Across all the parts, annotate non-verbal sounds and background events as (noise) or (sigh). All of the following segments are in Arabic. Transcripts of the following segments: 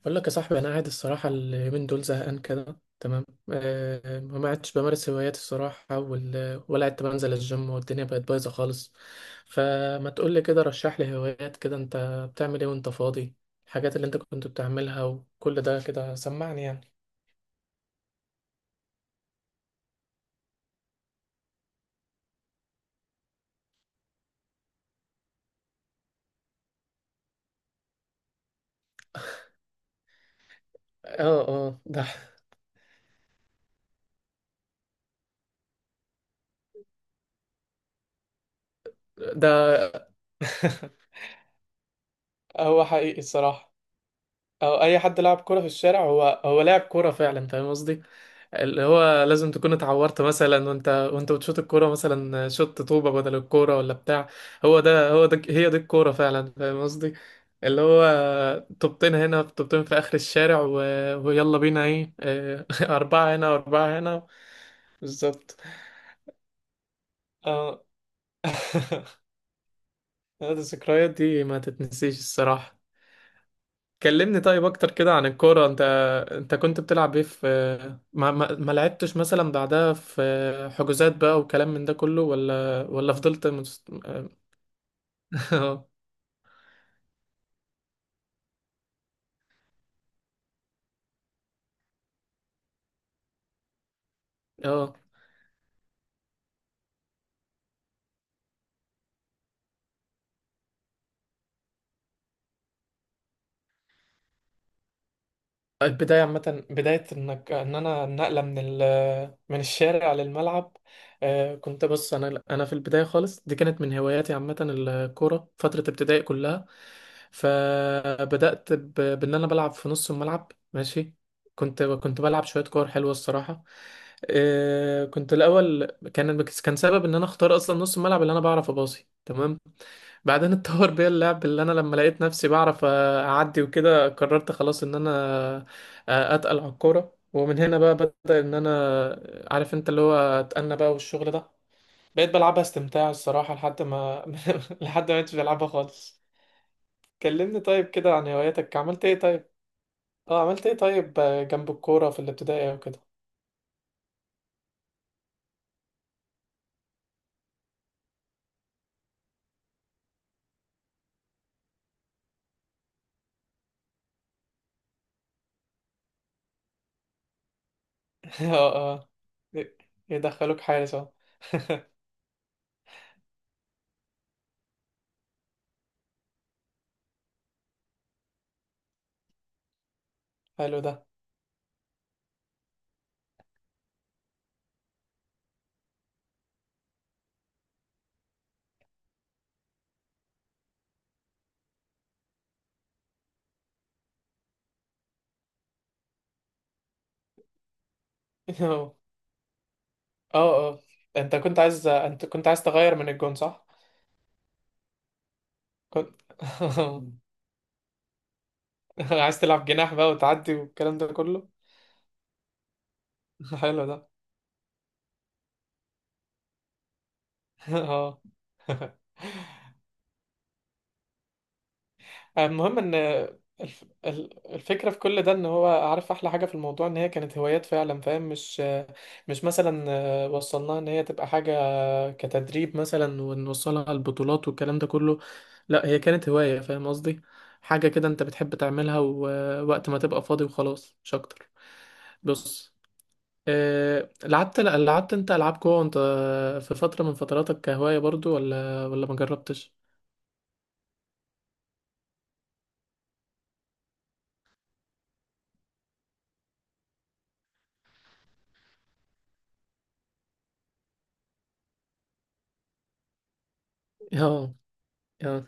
بقول لك يا صاحبي، انا قاعد الصراحه اليومين دول زهقان كده، تمام. ما قعدتش بمارس هواياتي الصراحه، ولا قعدت بنزل الجيم والدنيا بقت بايظه خالص. فما تقول لي كده، رشح لي هوايات كده. انت بتعمل ايه وانت فاضي؟ الحاجات اللي انت كنت بتعملها وكل ده كده، سمعني يعني. اه، اه، ده. (laughs) هو حقيقي الصراحه. او اي حد لعب كوره في الشارع، هو لعب كوره فعلا فاهم قصدي. اللي هو لازم تكون اتعورت مثلا، وانت بتشوط الكوره، مثلا شوت طوبه بدل الكوره ولا بتاع. هو ده هو ده، هي دي الكوره فعلا فاهم قصدي. اللي هو طوبتين هنا، طوبتين في اخر الشارع ويلا بينا ايه. (laughs) اربعه هنا واربعه هنا. بالظبط. اه. (laughs) هذه الذكريات دي ما تتنسيش الصراحه. كلمني طيب اكتر كده عن الكوره انت. انت كنت بتلعب ايه في، ما لعبتش مثلا بعدها في حجوزات بقى وكلام من ده كله، ولا فضلت (laughs) اه. البداية عامة، بداية انك ان انا النقلة من ال، من الشارع للملعب. كنت بص، انا في البداية خالص دي كانت من هواياتي عامة، الكورة فترة ابتدائي كلها. فبدأت بان انا بلعب في نص الملعب، ماشي. كنت بلعب شوية كور حلوة الصراحة. كنت الاول، كان سبب ان انا اختار اصلا نص الملعب اللي انا بعرف اباصي، تمام. بعدين اتطور بيا اللعب، اللي انا لما لقيت نفسي بعرف اعدي وكده قررت خلاص ان انا اتقل على الكوره. ومن هنا بقى بدأ ان انا، عارف انت اللي هو، اتقلنا بقى والشغل ده. بقيت بلعبها استمتاع الصراحه، لحد ما (laughs) لحد ما مبقتش بلعبها خالص. كلمني طيب كده عن هواياتك، عملت ايه طيب؟ اه، عملت ايه طيب جنب الكوره في الابتدائي وكده؟ (laughs) اه، اه، يدخلوك حارس، اه. حلو ده. (laughs) اه، اه، انت كنت عايز تغير من الجون، صح؟ كنت (laughs) عايز تلعب جناح بقى وتعدي والكلام ده كله؟ (laughs) حلو ده. (laughs) اه. المهم ان، الفكرة في كل ده، ان هو، عارف، احلى حاجة في الموضوع ان هي كانت هوايات فعلا فاهم. مش مثلا وصلناها ان هي تبقى حاجة كتدريب مثلا ونوصلها البطولات والكلام ده كله. لا، هي كانت هواية فاهم قصدي. حاجة كده انت بتحب تعملها، ووقت ما تبقى فاضي وخلاص مش اكتر. بص، لعبت انت العاب جوه وانت، في فتره من فتراتك كهوايه برضو، ولا ما جربتش؟ (laughs) اه، اه،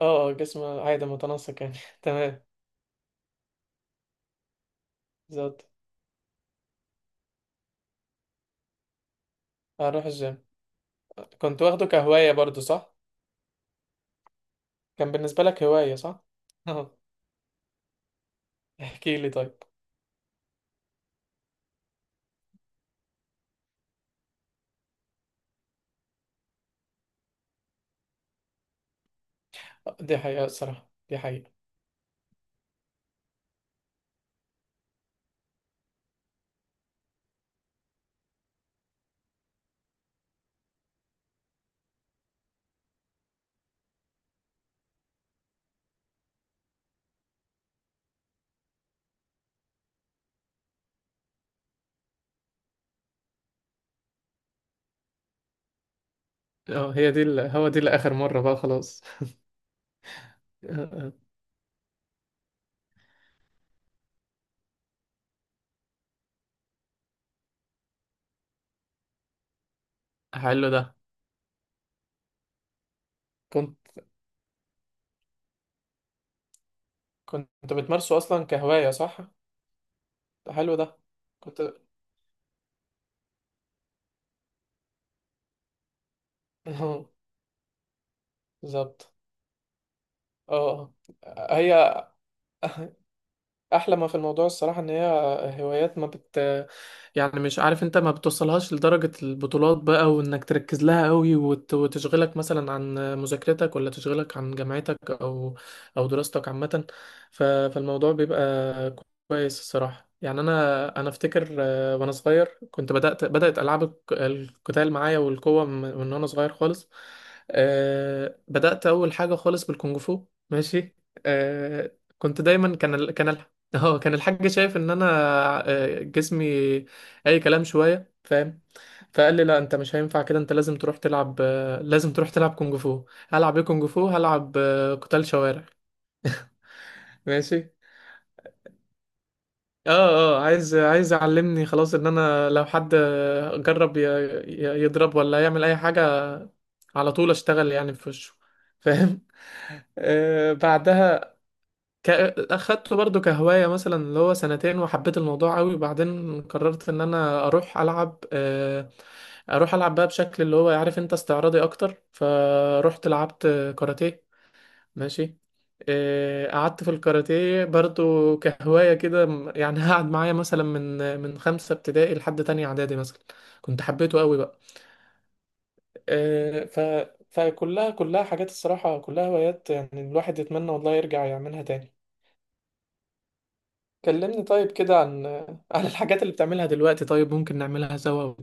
اه، اه، جسم عادي متناسق يعني (laughs) تمام. بالظبط. اروح الجيم. كنت واخده كهوايه برضو، صح؟ كان بالنسبه لك هوايه، صح؟ (laughs) اه. احكي لي طيب. دي حقيقه الصراحه، دي حقيقه. اه، هي دي هو دي لاخر مره بقى، خلاص. (laughs) آه، حلو ده. كنت كنت بتمارسه اصلا كهوايه، صح؟ حلو ده. كنت (laughs) اه. بالظبط. اه. هي. (laughs) احلى ما في الموضوع الصراحه ان هي هوايات ما بت، يعني مش عارف انت، ما بتوصلهاش لدرجه البطولات بقى وانك تركز لها قوي وتشغلك مثلا عن مذاكرتك، ولا تشغلك عن جامعتك او او دراستك عامه. فالموضوع بيبقى كويس الصراحه. يعني انا افتكر وانا صغير كنت بدات العاب القتال معايا والقوه من وانا صغير خالص. بدات اول حاجه خالص بالكونغ فو، ماشي. آه، كنت دايما كان كان (laughs) اه، كان الحاج شايف ان انا، جسمي اي كلام شويه فاهم. فقال لي لا، انت مش هينفع كده، انت لازم تروح تلعب، لازم تروح تلعب كونج فو. هلعب ايه كونج فو؟ هلعب قتال شوارع، ماشي. اه، اه، عايز يعلمني خلاص ان انا لو حد جرب يضرب ولا يعمل اي حاجه، على طول اشتغل يعني في وشه، فاهم. (laughs) بعدها، ك... اخدته برضو كهواية مثلا اللي هو سنتين، وحبيت الموضوع قوي وبعدين قررت ان انا اروح العب، اروح العب بقى بشكل اللي هو عارف انت استعراضي اكتر. فروحت لعبت كاراتيه، ماشي. قعدت في الكاراتيه برضو كهواية كده يعني قعد معايا مثلا من خمسة ابتدائي لحد تانية اعدادي مثلا. كنت حبيته قوي بقى. آه، ف فكلها حاجات الصراحة، كلها هوايات يعني. الواحد يتمنى والله يرجع يعملها تاني. كلمني طيب كده عن (laughs) عن الحاجات اللي بتعملها دلوقتي طيب، ممكن نعملها سوا.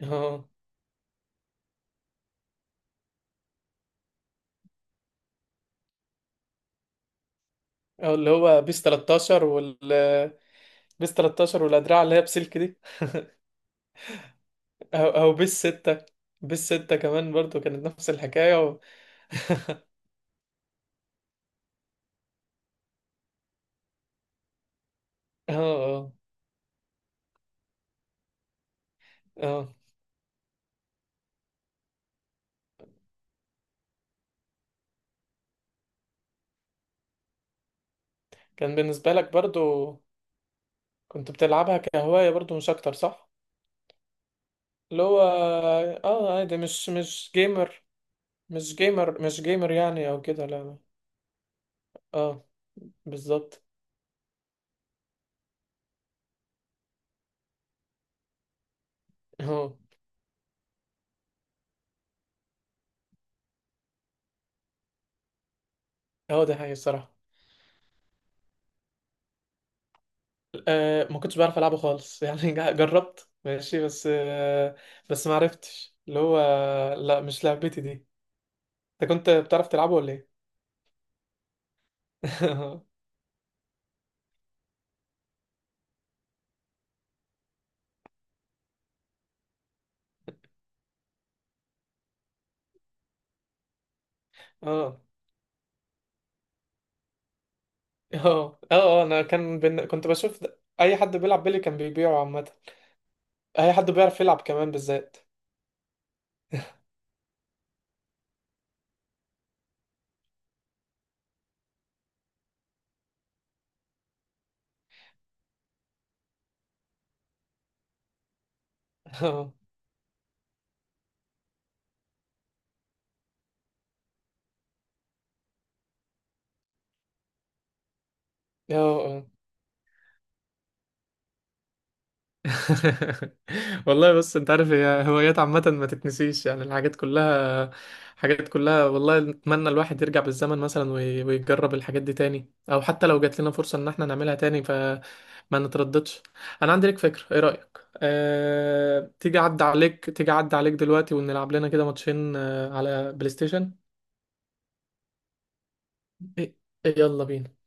اه، أو اللي هو بيس 13 (laughs) بيس 13 والأدراع اللي هي بسلك دي. أو بيس 6. بيس 6 كمان برضو كانت نفس الحكاية (laughs) اه، اه، اه. كان بالنسبة لك برضو كنت بتلعبها كهواية برضو، مش أكتر، صح؟ اللي هو اه عادي، مش جيمر. مش جيمر، مش جيمر يعني، أو كده؟ لا، اه. بالظبط. اه، اه، ده حقيقي الصراحة. ما كنتش بعرف العبه خالص، (laughs) يعني جربت ماشي بس، بس ما عرفتش اللي هو. لا، مش لعبتي دي. انت كنت بتعرف تلعبه ولا ايه؟ (laughs) اه، اه، اه، اه. انا كنت بشوف اي حد بيلعب بيلي كان بيبيعه عامه. اي حد بيعرف يلعب كمان بالذات. (laughs) اه، اه، آه. (laughs) والله بص، انت عارف هي هوايات عامة ما تتنسيش، يعني الحاجات كلها، حاجات كلها والله. نتمنى الواحد يرجع بالزمن مثلا ويجرب الحاجات دي تاني، او حتى لو جات لنا فرصة ان احنا نعملها تاني فما نترددش. انا عندي لك فكرة، ايه رأيك، تيجي عدى عليك دلوقتي ونلعب لنا كده ماتشين على بلاي ستيشن؟ إيه؟ يلا بينا.